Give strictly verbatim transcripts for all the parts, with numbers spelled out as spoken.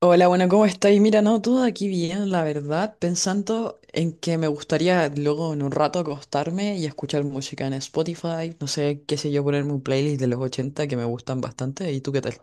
Hola, bueno, ¿cómo estáis? Mira, no, todo aquí bien, la verdad, pensando en que me gustaría luego en un rato acostarme y escuchar música en Spotify, no sé, qué sé yo, ponerme un playlist de los ochenta que me gustan bastante. ¿Y tú qué tal?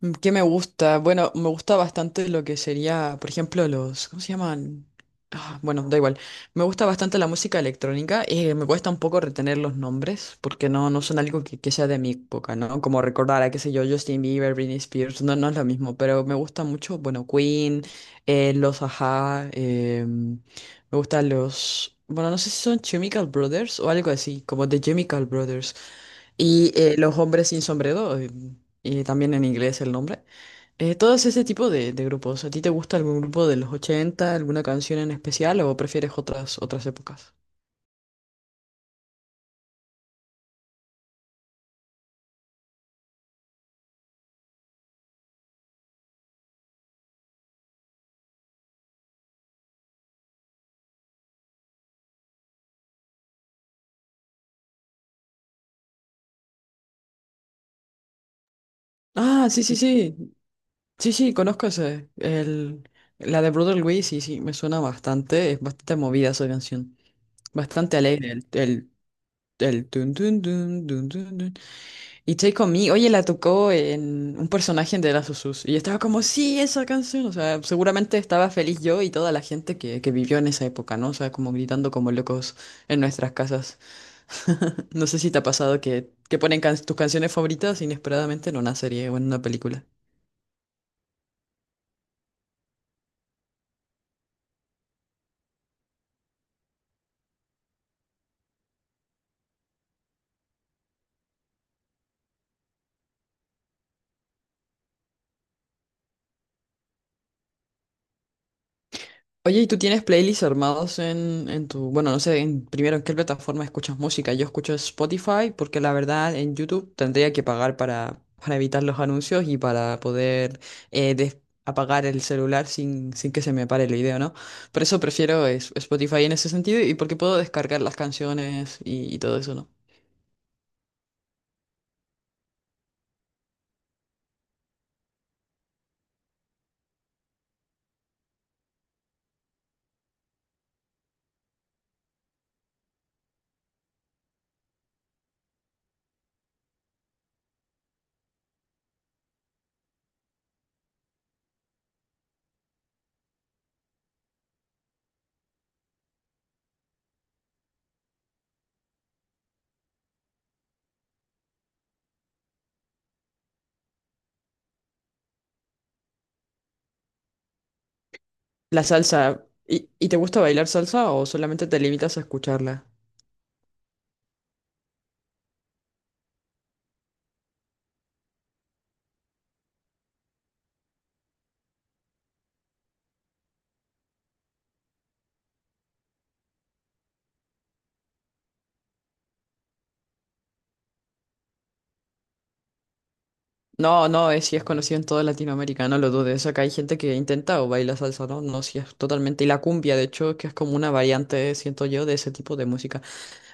Mm, ¿Qué me gusta? Bueno, me gusta bastante lo que sería, por ejemplo, los... ¿cómo se llaman? Ah, bueno, da igual. Me gusta bastante la música electrónica. Eh, me cuesta un poco retener los nombres porque no, no son algo que, que sea de mi época, ¿no? Como recordar a, qué sé yo, Justin Bieber, Britney Spears. No, no es lo mismo, pero me gusta mucho, bueno, Queen, eh, los Ajá, em, me gustan los... bueno, no sé si son Chemical Brothers o algo así, como The Chemical Brothers y eh, Los hombres sin sombrero, eh, y también en inglés el nombre. Eh, todos ese tipo de, de grupos. ¿A ti te gusta algún grupo de los ochenta alguna canción en especial o prefieres otras, otras épocas? Ah, sí, sí, sí. Sí, sí, conozco ese. El, la de Brother Luis, sí, sí, me suena bastante. Es bastante movida esa canción. Bastante alegre. El, el, el Tun, tun, tun, tun, tun, tun. Y Take On Me, oye, la tocó en un personaje de Last of Us. Y estaba como, sí, esa canción. O sea, seguramente estaba feliz yo y toda la gente que, que vivió en esa época, ¿no? O sea, como gritando como locos en nuestras casas. No sé si te ha pasado que, que ponen can- tus canciones favoritas inesperadamente en una serie o en una película. Oye, ¿y tú tienes playlists armados en, en tu, bueno, no sé, en, primero en qué plataforma escuchas música? Yo escucho Spotify porque la verdad en YouTube tendría que pagar para, para evitar los anuncios y para poder eh, des- apagar el celular sin, sin que se me pare el video, ¿no? Por eso prefiero es- Spotify en ese sentido y porque puedo descargar las canciones y, y todo eso, ¿no? La salsa, ¿y, y te gusta bailar salsa o solamente te limitas a escucharla? No, no, es, sí es conocido en toda Latinoamérica, no lo dudes. Acá hay gente que intenta o baila salsa, no, no, sí es totalmente. Y la cumbia, de hecho, que es como una variante, siento yo, de ese tipo de música.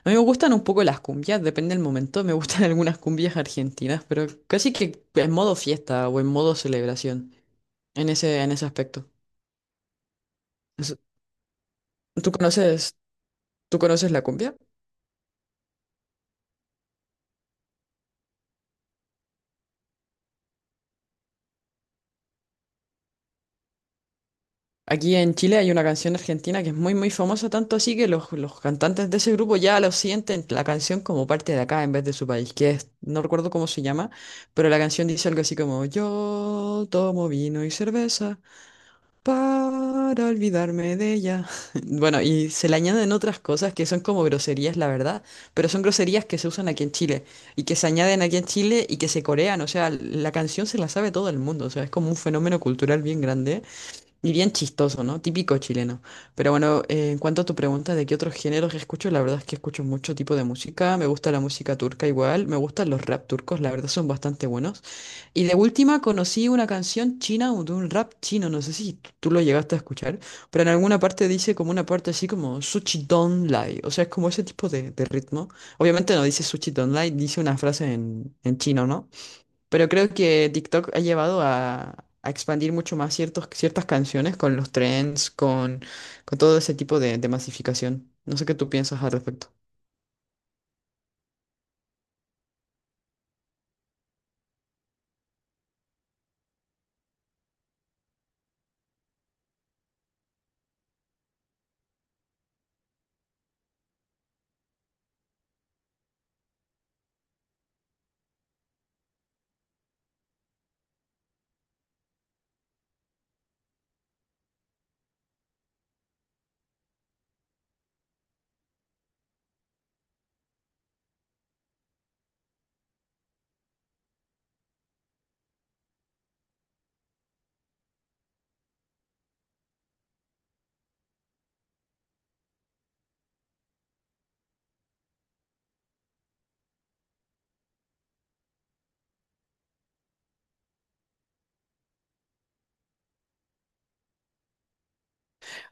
A mí me gustan un poco las cumbias, depende del momento. Me gustan algunas cumbias argentinas, pero casi que en modo fiesta o en modo celebración, en ese, en ese aspecto. Es- ¿Tú conoces, tú conoces la cumbia? Aquí en Chile hay una canción argentina que es muy, muy famosa, tanto así que los, los cantantes de ese grupo ya lo sienten la canción como parte de acá en vez de su país, que es, no recuerdo cómo se llama, pero la canción dice algo así como, yo tomo vino y cerveza para olvidarme de ella. Bueno, y se le añaden otras cosas que son como groserías, la verdad, pero son groserías que se usan aquí en Chile y que se añaden aquí en Chile y que se corean, o sea, la canción se la sabe todo el mundo, o sea, es como un fenómeno cultural bien grande. Y bien chistoso, ¿no? Típico chileno. Pero bueno, eh, en cuanto a tu pregunta de qué otros géneros escucho, la verdad es que escucho mucho tipo de música. Me gusta la música turca igual, me gustan los rap turcos, la verdad son bastante buenos. Y de última conocí una canción china o de un rap chino, no sé si t- tú lo llegaste a escuchar, pero en alguna parte dice como una parte así como Suchi Don Lai, o sea, es como ese tipo de, de ritmo. Obviamente no dice Suchi Don Lai, dice una frase en, en chino, ¿no? Pero creo que TikTok ha llevado a, a expandir mucho más ciertos, ciertas canciones con los trends, con, con todo ese tipo de, de masificación. No sé qué tú piensas al respecto.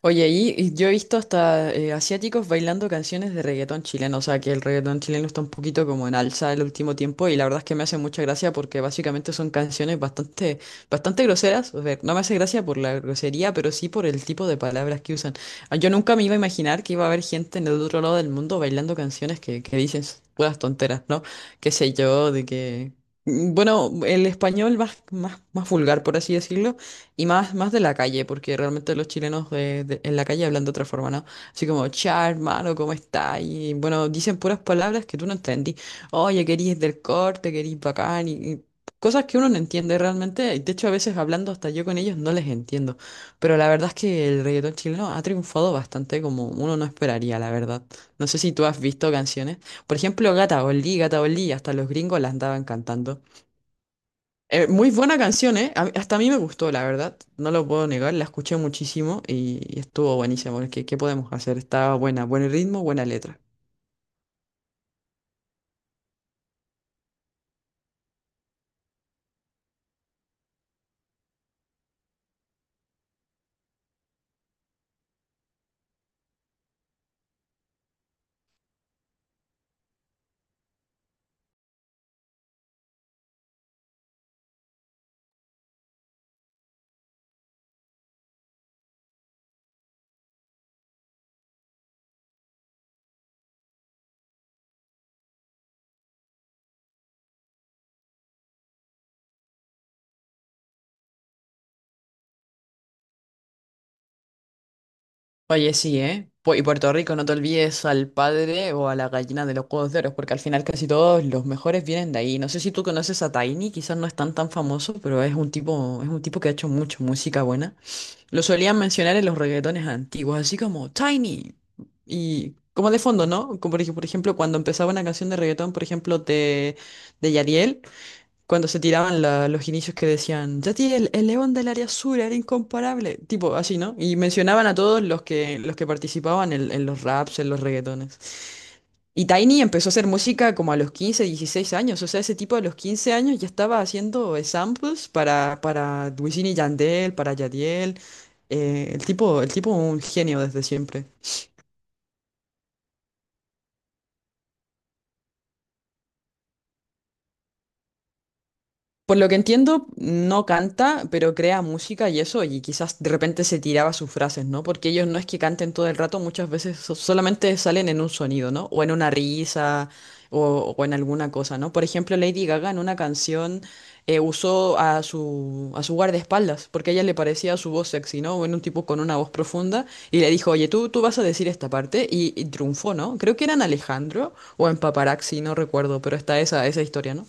Oye, ahí y yo he visto hasta eh, asiáticos bailando canciones de reggaetón chileno, o sea que el reggaetón chileno está un poquito como en alza el último tiempo y la verdad es que me hace mucha gracia porque básicamente son canciones bastante, bastante groseras, o sea, no me hace gracia por la grosería, pero sí por el tipo de palabras que usan. Ah, yo nunca me iba a imaginar que iba a haber gente en el otro lado del mundo bailando canciones que, que dicen puras tonteras, ¿no? Qué sé yo, de que. mm, Bueno, el español más, más, más vulgar, por así decirlo. Y más, más de la calle, porque realmente los chilenos de- de- en la calle hablan de otra forma, ¿no? Así como, cha, hermano, ¿cómo está? Y bueno, dicen puras palabras que tú no entendí. Oye, querís del corte, querís bacán, y, y cosas que uno no entiende realmente. De hecho, a veces hablando hasta yo con ellos no les entiendo. Pero la verdad es que el reggaetón chileno ha triunfado bastante como uno no esperaría, la verdad. No sé si tú has visto canciones. Por ejemplo, Gata Oli, Gata Oli, hasta los gringos la andaban cantando. Eh, muy buena canción, ¿eh? A- hasta a mí me gustó, la verdad. No lo puedo negar, la escuché muchísimo y, y estuvo buenísimo. ¿Qué, qué podemos hacer? Estaba buena, buen ritmo, buena letra. Oye, sí, ¿eh? Pu- Y Puerto Rico, no te olvides al padre o a la gallina de los huevos de oro, porque al final casi todos los mejores vienen de ahí. No sé si tú conoces a Tiny, quizás no es tan tan famoso, pero es un tipo, es un tipo que ha hecho mucho música buena. Lo solían mencionar en los reggaetones antiguos, así como Tiny. Y como de fondo, ¿no? Como por ej- por ejemplo, cuando empezaba una canción de reggaetón, por ejemplo, de, de Yadiel, cuando se tiraban la- los inicios que decían, Yadiel, el león del área azul era incomparable. Tipo así, ¿no? Y mencionaban a todos los que, los que participaban en, en los raps, en los reggaetones. Y Tiny empezó a hacer música como a los quince, dieciséis años. O sea, ese tipo a los quince años ya estaba haciendo eh, samples para, para Wisin y Yandel, para Yadiel. Eh, el tipo, el tipo un genio desde siempre. Por lo que entiendo, no canta, pero crea música y eso, y quizás de repente se tiraba sus frases, ¿no? Porque ellos no es que canten todo el rato, muchas veces so- solamente salen en un sonido, ¿no? O en una risa, o, o en alguna cosa, ¿no? Por ejemplo, Lady Gaga en una canción eh, usó a su, a su guardaespaldas, porque a ella le parecía su voz sexy, ¿no? En un tipo con una voz profunda, y le dijo, oye, tú, tú vas a decir esta parte, y, y triunfó, ¿no? Creo que era en Alejandro o en Paparazzi, no recuerdo, pero está esa, esa historia, ¿no?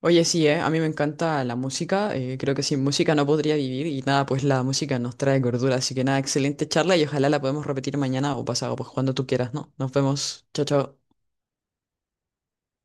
Oye, sí, eh, a mí me encanta la música, eh, creo que sin música no podría vivir y nada, pues la música nos trae gordura, así que nada, excelente charla y ojalá la podemos repetir mañana o pasado, pues cuando tú quieras, ¿no? Nos vemos, chao, chao.